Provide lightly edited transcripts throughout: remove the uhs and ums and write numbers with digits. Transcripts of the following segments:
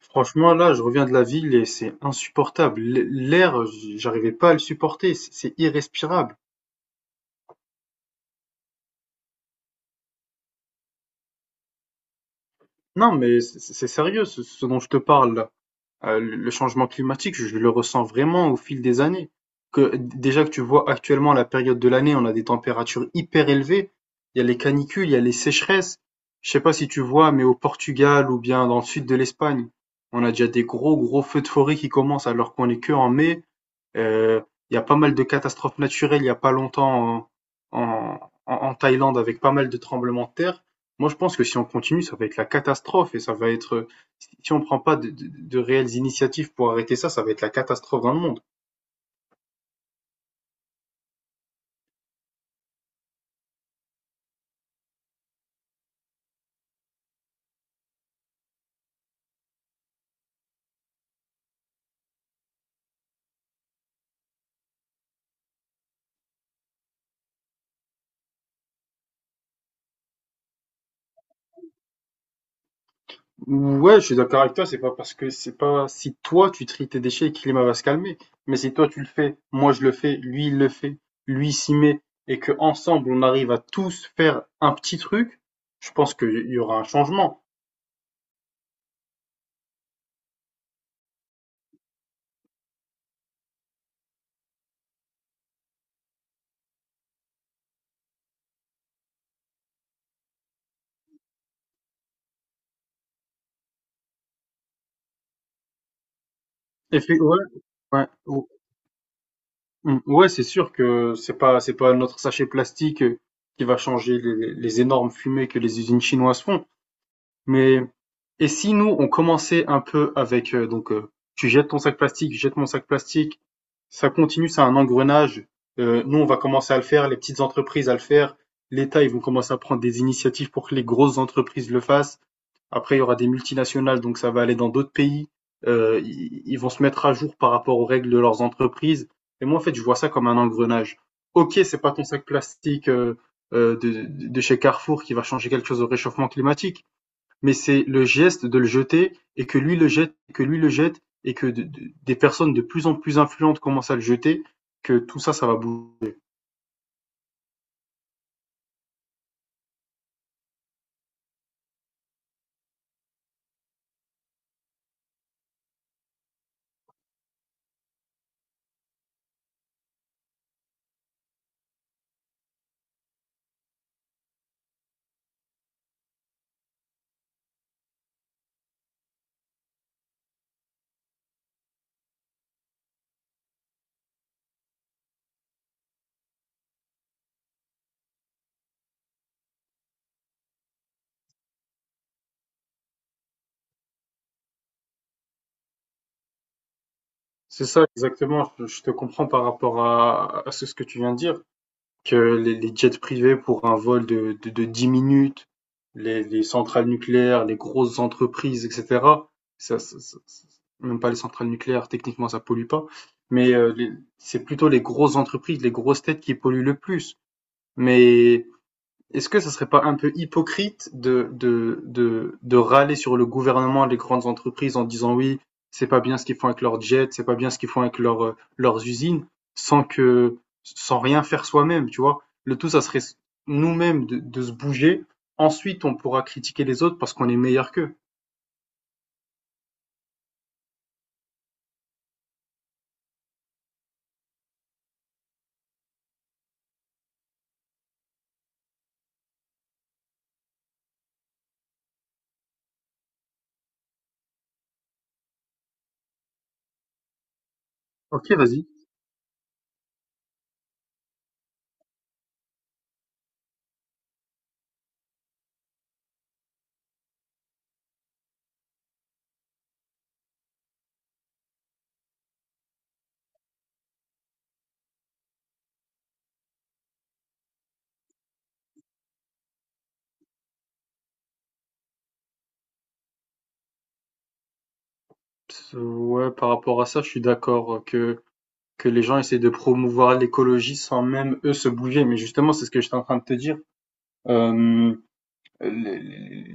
Franchement là, je reviens de la ville et c'est insupportable. L'air, j'arrivais pas à le supporter, c'est irrespirable. Non, mais c'est sérieux ce dont je te parle là. Le changement climatique, je le ressens vraiment au fil des années. Que déjà que tu vois actuellement la période de l'année, on a des températures hyper élevées. Il y a les canicules, il y a les sécheresses. Je sais pas si tu vois, mais au Portugal ou bien dans le sud de l'Espagne, on a déjà des gros gros feux de forêt qui commencent alors qu'on est que en mai. Euh, Il y a pas mal de catastrophes naturelles il y a pas longtemps en, en- en Thaïlande avec pas mal de tremblements de terre. Moi, je pense que si on continue, ça va être la catastrophe et ça va être, si on prend pas de réelles initiatives pour arrêter ça, ça va être la catastrophe dans le monde. Ouais, je suis d'accord avec toi, c'est pas si toi tu tries tes déchets et que le climat va se calmer, mais si toi tu le fais, moi je le fais, lui il le fait, lui il s'y met et que ensemble on arrive à tous faire un petit truc, je pense qu'il y aura un changement. Et puis, ouais, ouais, ouais, c'est sûr que c'est pas notre sachet plastique qui va changer les énormes fumées que les usines chinoises font. Mais, et si nous, on commençait un peu avec, donc, tu jettes ton sac plastique, je jette mon sac plastique, ça continue, c'est un engrenage. Nous, on va commencer à le faire, les petites entreprises à le faire, l'État, ils vont commencer à prendre des initiatives pour que les grosses entreprises le fassent. Après, il y aura des multinationales, donc ça va aller dans d'autres pays. Ils vont se mettre à jour par rapport aux règles de leurs entreprises. Et moi, en fait, je vois ça comme un engrenage. Ok, c'est pas ton sac plastique de chez Carrefour qui va changer quelque chose au réchauffement climatique, mais c'est le geste de le jeter et que lui le jette, que lui le jette et que des personnes de plus en plus influentes commencent à le jeter, que tout ça, ça va bouger. C'est ça exactement. Je te comprends par rapport à ce que tu viens de dire. Que les jets privés pour un vol de 10 minutes, les centrales nucléaires, les grosses entreprises, etc. Ça, ça- ça- ça- Même pas les centrales nucléaires, techniquement, ça pollue pas. Mais c'est plutôt les grosses entreprises, les grosses têtes qui polluent le plus. Mais est-ce que ça serait pas un peu hypocrite de râler sur le gouvernement, les grandes entreprises en disant oui, c'est pas bien ce qu'ils font avec leurs jets, c'est pas bien ce qu'ils font avec leurs usines, sans que, sans rien faire soi-même, tu vois? Le tout, ça serait nous-mêmes de se bouger. Ensuite, on pourra critiquer les autres parce qu'on est meilleur qu'eux. Ok, vas-y. Ouais, par rapport à ça, je suis d'accord que les gens essaient de promouvoir l'écologie sans même eux se bouger. Mais justement, c'est ce que j'étais en train de te dire. Euh, Euh, les,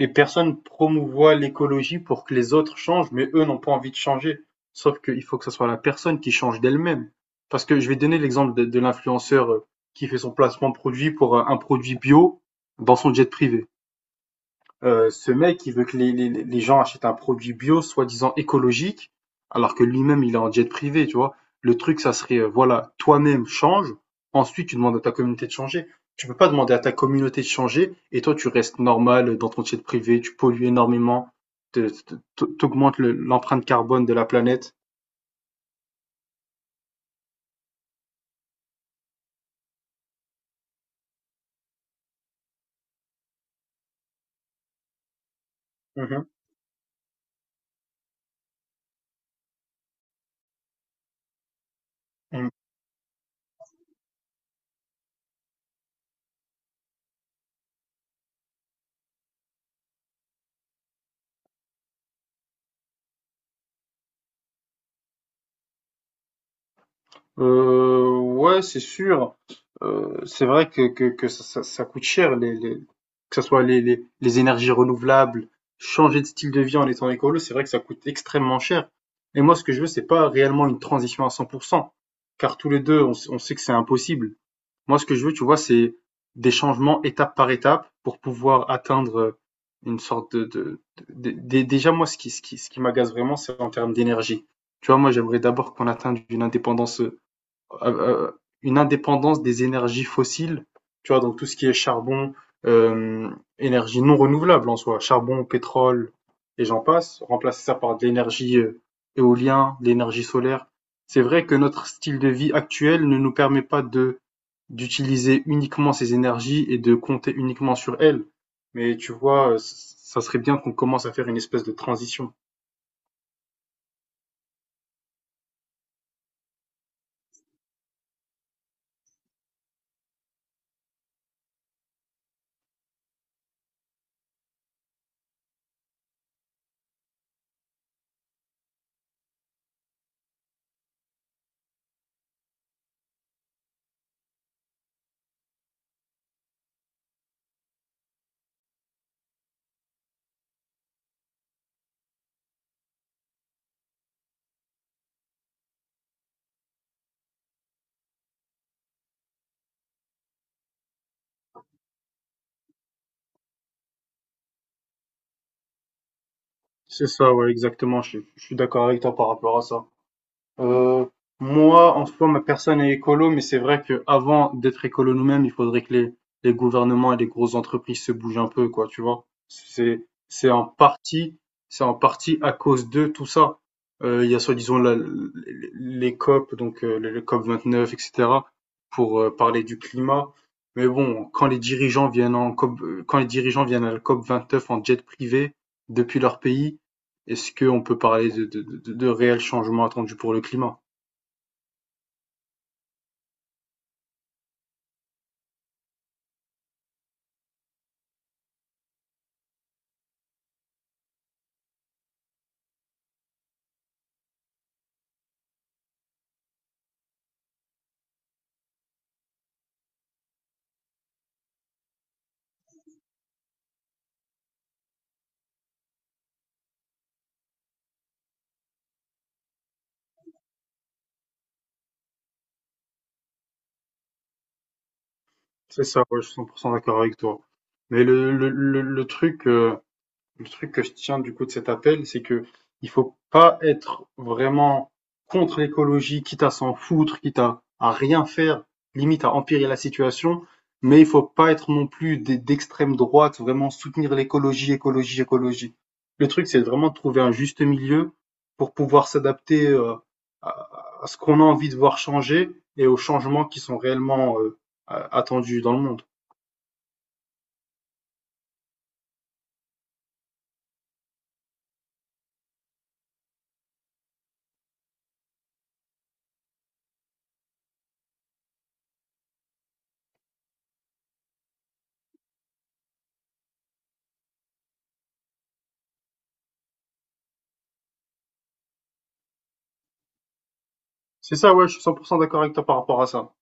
les personnes promouvoient l'écologie pour que les autres changent, mais eux n'ont pas envie de changer. Sauf qu'il faut que ce soit la personne qui change d'elle-même. Parce que je vais donner l'exemple de l'influenceur qui fait son placement produit pour un produit bio dans son jet privé. Ce mec, il veut que les gens achètent un produit bio, soi-disant écologique, alors que lui-même, il est en jet privé, tu vois. Le truc, ça serait, voilà, toi-même change, ensuite tu demandes à ta communauté de changer. Tu peux pas demander à ta communauté de changer et toi, tu restes normal dans ton jet privé, tu pollues énormément, te- t'augmentes l'empreinte carbone de la planète. Mhm. Ouais, c'est sûr. C'est vrai que ça coûte cher, que ce soit les énergies renouvelables, changer de style de vie en étant écolo, c'est vrai que ça coûte extrêmement cher. Et moi, ce que je veux, c'est pas réellement une transition à 100%, car tous les deux, on sait que c'est impossible. Moi, ce que je veux, tu vois, c'est des changements étape par étape pour pouvoir atteindre une sorte de. Déjà, moi, ce qui m'agace vraiment, c'est en termes d'énergie. Tu vois, moi, j'aimerais d'abord qu'on atteigne euh, euh, une indépendance des énergies fossiles, tu vois, donc tout ce qui est charbon, euh, énergie non renouvelable en soi, charbon, pétrole, et j'en passe, remplacer ça par de l'énergie éolien, de l'énergie solaire. C'est vrai que notre style de vie actuel ne nous permet pas de d'utiliser uniquement ces énergies et de compter uniquement sur elles. Mais tu vois, ça serait bien qu'on commence à faire une espèce de transition. C'est ça, ouais, exactement. Je suis d'accord avec toi par rapport à ça. Heu, moi, en soi, ma personne est écolo, mais c'est vrai que avant d'être écolo nous-mêmes, il faudrait que les gouvernements et les grosses entreprises se bougent un peu, quoi, tu vois. C'est en partie à cause de tout ça. Il y a soi-disant les COP, donc le COP 29, etc., pour parler du climat. Mais bon, quand les dirigeants viennent à la COP 29 en jet privé depuis leur pays, est-ce qu'on peut parler de réels changements attendus pour le climat? C'est ça, ouais, je suis 100% d'accord avec toi. Mais le truc que je tiens du coup de cet appel, c'est que il faut pas être vraiment contre l'écologie, quitte à s'en foutre, quitte à rien faire, limite à empirer la situation, mais il faut pas être non plus d'extrême droite, vraiment soutenir l'écologie, écologie, écologie. Le truc, c'est vraiment de trouver un juste milieu pour pouvoir s'adapter à, à ce qu'on a envie de voir changer et aux changements qui sont réellement attendus dans le monde. C'est ça, ouais, je suis 100% d'accord avec toi par rapport à ça.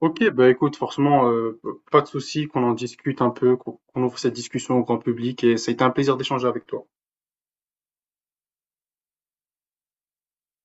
Ok, bah écoute, forcément, pas de souci, qu'on en discute un peu, qu'on ouvre cette discussion au grand public, et ça a été un plaisir d'échanger avec toi.